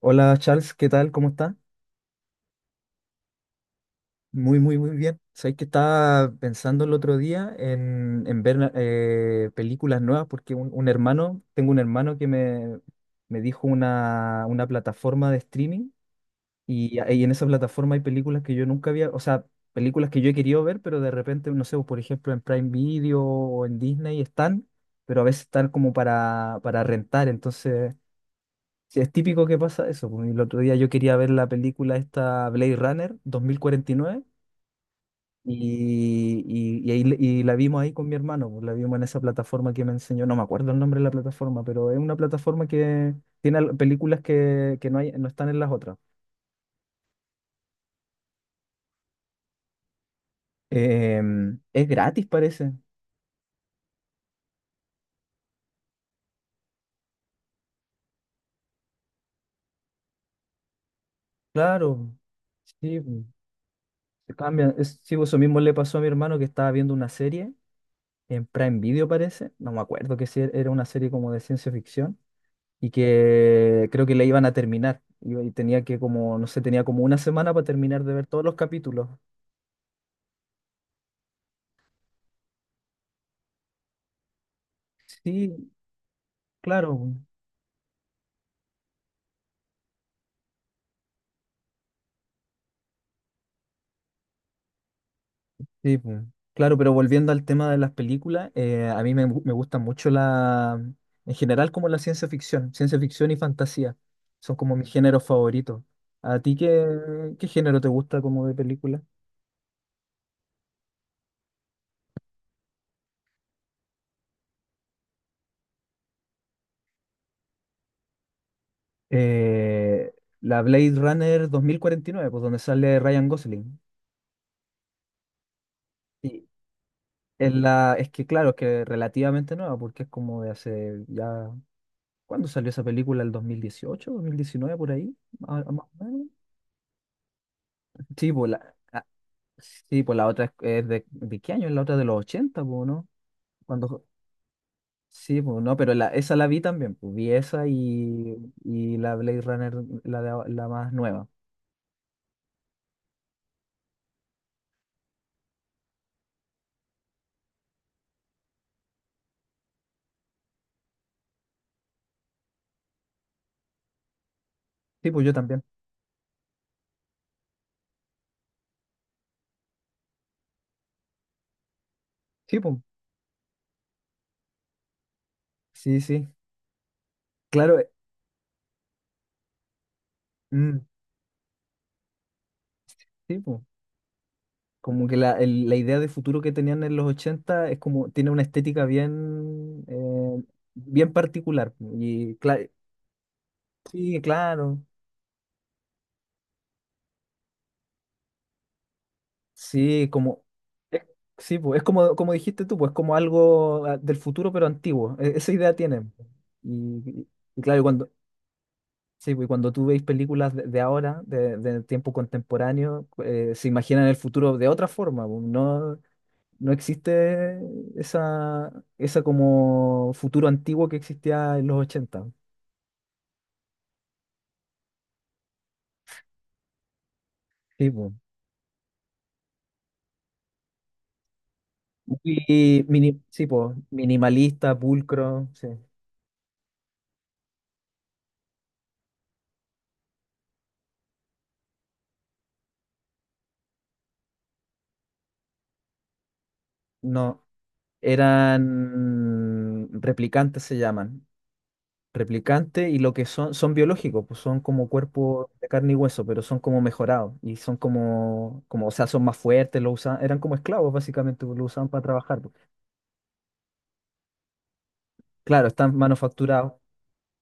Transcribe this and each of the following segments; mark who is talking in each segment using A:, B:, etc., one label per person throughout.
A: Hola Charles, ¿qué tal? ¿Cómo está? Muy, muy, muy bien. Sabéis que estaba pensando el otro día en ver películas nuevas porque un hermano, tengo un hermano que me dijo una plataforma de streaming y en esa plataforma hay películas que yo nunca había, o sea, películas que yo he querido ver, pero de repente, no sé, por ejemplo, en Prime Video o en Disney están, pero a veces están como para rentar, entonces... Sí, es típico que pasa eso. El otro día yo quería ver la película esta Blade Runner 2049 y la vimos ahí con mi hermano. La vimos en esa plataforma que me enseñó. No me acuerdo el nombre de la plataforma, pero es una plataforma que tiene películas que no hay, no están en las otras. Es gratis, parece. Claro, sí, pues, se cambia. Sí, pues, eso mismo le pasó a mi hermano que estaba viendo una serie en Prime Video, parece. No me acuerdo que si era una serie como de ciencia ficción, y que creo que la iban a terminar. Y tenía que como, no sé, tenía como una semana para terminar de ver todos los capítulos. Sí, claro, po. Sí, po. Claro, pero volviendo al tema de las películas, a mí me gusta mucho la, en general como la ciencia ficción y fantasía. Son como mis géneros favoritos. ¿A ti qué género te gusta como de película? Eh, la Blade Runner 2049, pues, donde sale Ryan Gosling. Es que claro, es que relativamente nueva, porque es como de hace ya. ¿Cuándo salió esa película? ¿El 2018? ¿2019 por ahí? Más o menos. Sí, pues la, ah, sí, pues la otra es ¿de qué año? Es la otra de los 80, pues, ¿no? Cuando, sí, pues no, pero la, esa la vi también, pues vi esa y la Blade Runner, la, de, la más nueva. Sí, pues yo también. Sí, pues, sí, sí. Claro, mm, sí, pues. Como que la idea de futuro que tenían en los 80 es como, tiene una estética bien, bien particular. Y claro, sí, claro, sí, como, es- sí, pues, es como, como dijiste tú, pues como algo del futuro pero antiguo. Esa idea tienen. Y, y y claro, y cuando, sí, pues, y cuando tú veis películas de ahora, de tiempo contemporáneo, se imaginan el futuro de otra forma, pues, no, no existe esa, esa como futuro antiguo que existía en los 80. Sí, po. Sí, po, minimalista, pulcro, sí. No, eran replicantes, se llaman. Replicantes, y lo que son, son biológicos, pues son como cuerpos de carne y hueso, pero son como mejorados y son como, como, o sea, son más fuertes, lo usan, eran como esclavos básicamente, pues, lo usaban para trabajar, pues. Claro, están manufacturados.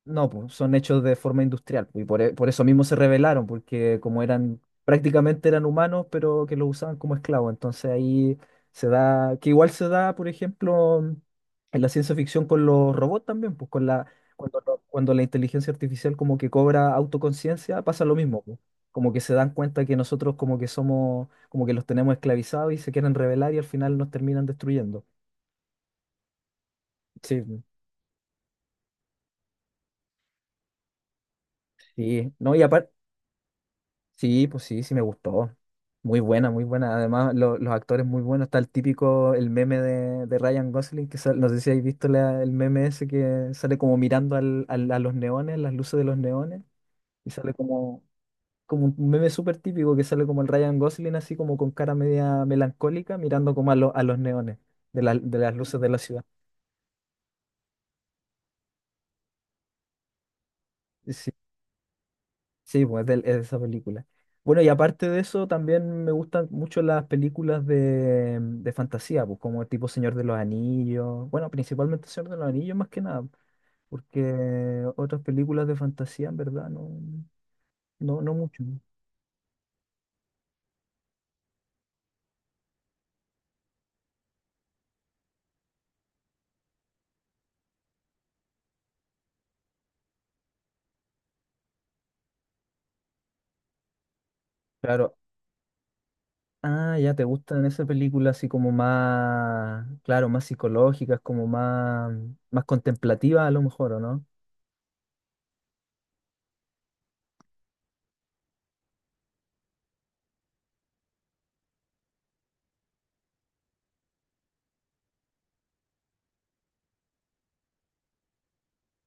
A: No, pues, son hechos de forma industrial y por eso mismo se rebelaron, porque como eran, prácticamente eran humanos, pero que los usaban como esclavos. Entonces ahí se da, que igual se da, por ejemplo, en la ciencia ficción con los robots también, pues con la, cuando la inteligencia artificial como que cobra autoconciencia, pasa lo mismo, pues. Como que se dan cuenta que nosotros como que somos, como que los tenemos esclavizados y se quieren rebelar y al final nos terminan destruyendo. Sí, sí, no, y aparte sí, pues sí, sí me gustó. Muy buena, muy buena. Además, los actores muy buenos. Está el típico, el meme de Ryan Gosling, que no sé si habéis visto el meme ese que sale como mirando a los neones, las luces de los neones, y sale como, como un meme súper típico que sale como el Ryan Gosling así como con cara media melancólica, mirando como a, a los neones de, de las luces de la ciudad. Sí, pues es de esa película. Bueno, y aparte de eso, también me gustan mucho las películas de fantasía, pues como tipo Señor de los Anillos. Bueno, principalmente Señor de los Anillos más que nada, porque otras películas de fantasía en verdad no, no, no mucho. Claro. Ah, ya te gustan esas películas así como más, claro, más psicológicas, como más, más contemplativas a lo mejor, ¿o no?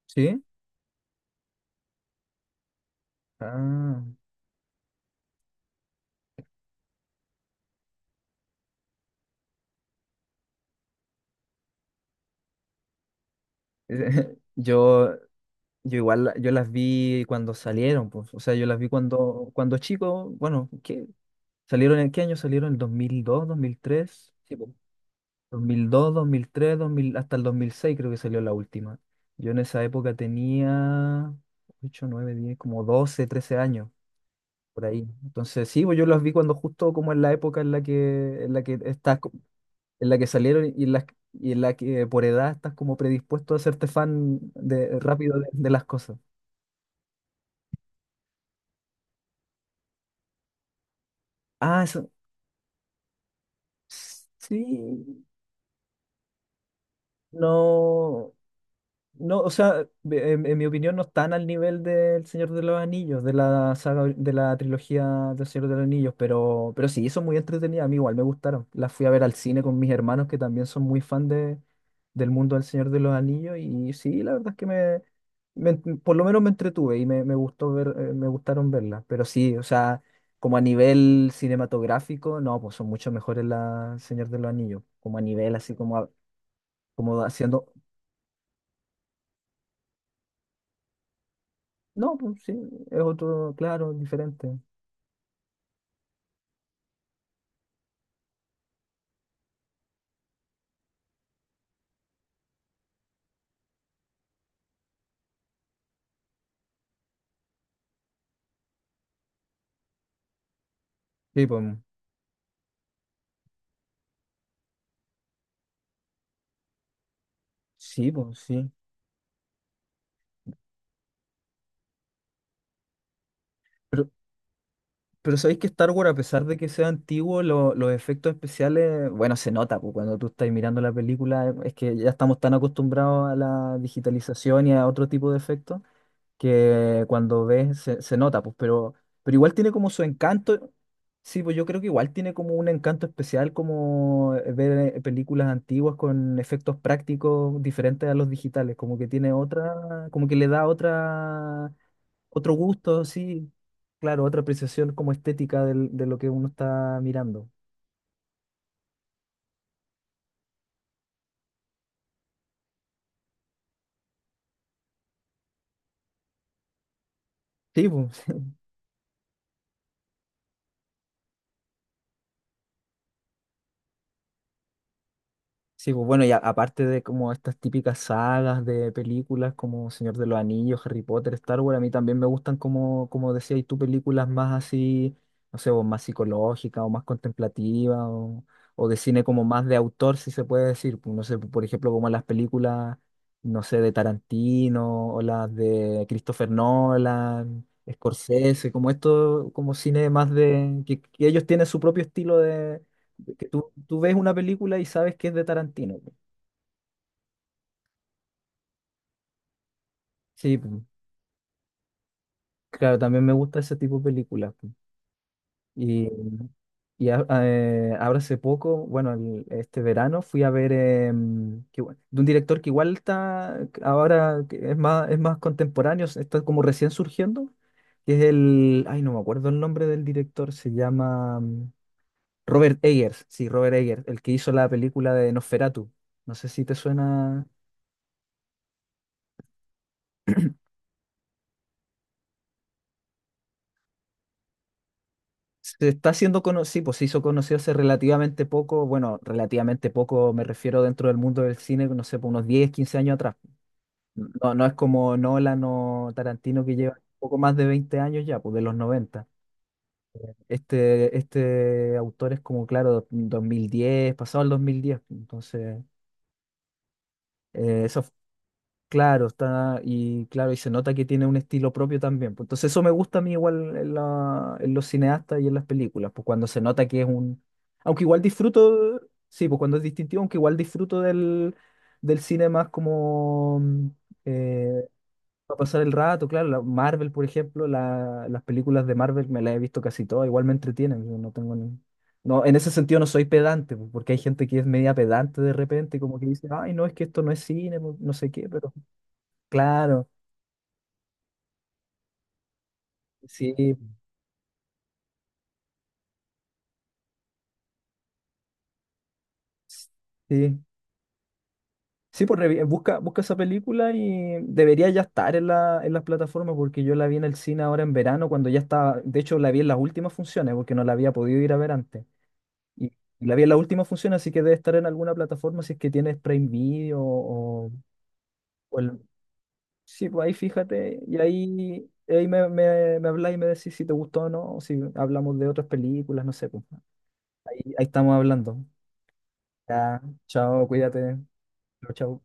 A: Sí. Ah. Yo Yo igual, yo las vi cuando salieron, pues, o sea, yo las vi cuando chico, bueno, ¿qué? ¿Salieron en qué año? ¿Salieron en el 2002, 2003? Sí, po. 2002, dos mil tres, dos mil hasta el 2006 creo que salió la última. Yo en esa época tenía 8, 9, 10, como 12, 13 años, por ahí. Entonces, sí, pues yo las vi cuando justo como en la época en la que estás, en la que salieron y en la que por edad estás como predispuesto a hacerte fan de, rápido de las cosas. Ah, sí, no, no, o sea, en mi opinión no están al nivel del Señor de los Anillos, de la saga, de la trilogía del Señor de los Anillos, pero sí, son muy entretenidas, a mí igual me gustaron. Las fui a ver al cine con mis hermanos que también son muy fan de, del mundo del Señor de los Anillos y sí, la verdad es que me, por lo menos me entretuve y me gustó ver, me gustaron verlas, pero sí, o sea, como a nivel cinematográfico, no, pues son mucho mejores las Señor de los Anillos, como a nivel así como como haciendo. No, pues sí, es otro, claro, diferente. Sí, pues mm, sí, pues sí. Pero, pero sabéis que Star Wars, a pesar de que sea antiguo, los efectos especiales, bueno, se nota, pues cuando tú estás mirando la película, es que ya estamos tan acostumbrados a la digitalización y a otro tipo de efectos, que cuando ves se nota, pues, pero igual tiene como su encanto. Sí, pues yo creo que igual tiene como un encanto especial como ver películas antiguas con efectos prácticos diferentes a los digitales, como que tiene otra, como que le da otra, otro gusto, sí, claro, otra apreciación como estética de lo que uno está mirando. Sí, pues. Sí, pues bueno, y aparte de como estas típicas sagas de películas como Señor de los Anillos, Harry Potter, Star Wars, a mí también me gustan como, como decías tú, películas más así, no sé, o más psicológicas o más contemplativas o de cine como más de autor, si se puede decir. Pues, no sé, pues, por ejemplo, como las películas, no sé, de Tarantino o las de Christopher Nolan, Scorsese, como esto, como cine más de, que ellos tienen su propio estilo, que tú ves una película y sabes que es de Tarantino, po. Sí, po. Claro, también me gusta ese tipo de películas, po. Y, Ahora hace poco, bueno, este verano fui a ver que de un director que igual está ahora, que es más contemporáneo, está como recién surgiendo, que es el, ay, no me acuerdo el nombre del director, se llama Robert Eggers, sí, Robert Eggers, el que hizo la película de Nosferatu. No sé si te suena. Se está haciendo conocido, pues se hizo conocido hace relativamente poco, bueno, relativamente poco me refiero dentro del mundo del cine, no sé, por unos diez, 15 años atrás. No, no es como Nolan o Tarantino que lleva poco más de 20 años ya, pues de los 90. Este autor es como, claro, 2010, pasado el 2010, pues, entonces, eso. Claro, está, y claro, y se nota que tiene un estilo propio también, pues. Entonces eso me gusta a mí igual en en los cineastas y en las películas, pues cuando se nota que es un... Aunque igual disfruto, sí, pues cuando es distintivo, aunque igual disfruto del, del cine más como eh, para pasar el rato, claro, Marvel, por ejemplo, las películas de Marvel me las he visto casi todas, igual me entretienen, yo no tengo No, en ese sentido no soy pedante, pues, porque hay gente que es media pedante de repente, como que dice, ay, no, es que esto no es cine, pues, no sé qué, pero... Claro, sí, sí. Sí, pues busca, busca esa película y debería ya estar en la, en las plataformas porque yo la vi en el cine ahora en verano cuando ya estaba, de hecho la vi en las últimas funciones porque no la había podido ir a ver antes. Y la vi en las últimas funciones, así que debe estar en alguna plataforma si es que tienes Prime Video o, o el- sí, pues ahí fíjate y ahí, ahí me habláis y me decís si te gustó o no, o si hablamos de otras películas, no sé, pues ahí, ahí estamos hablando. Ya, chao, cuídate. Chao, chao.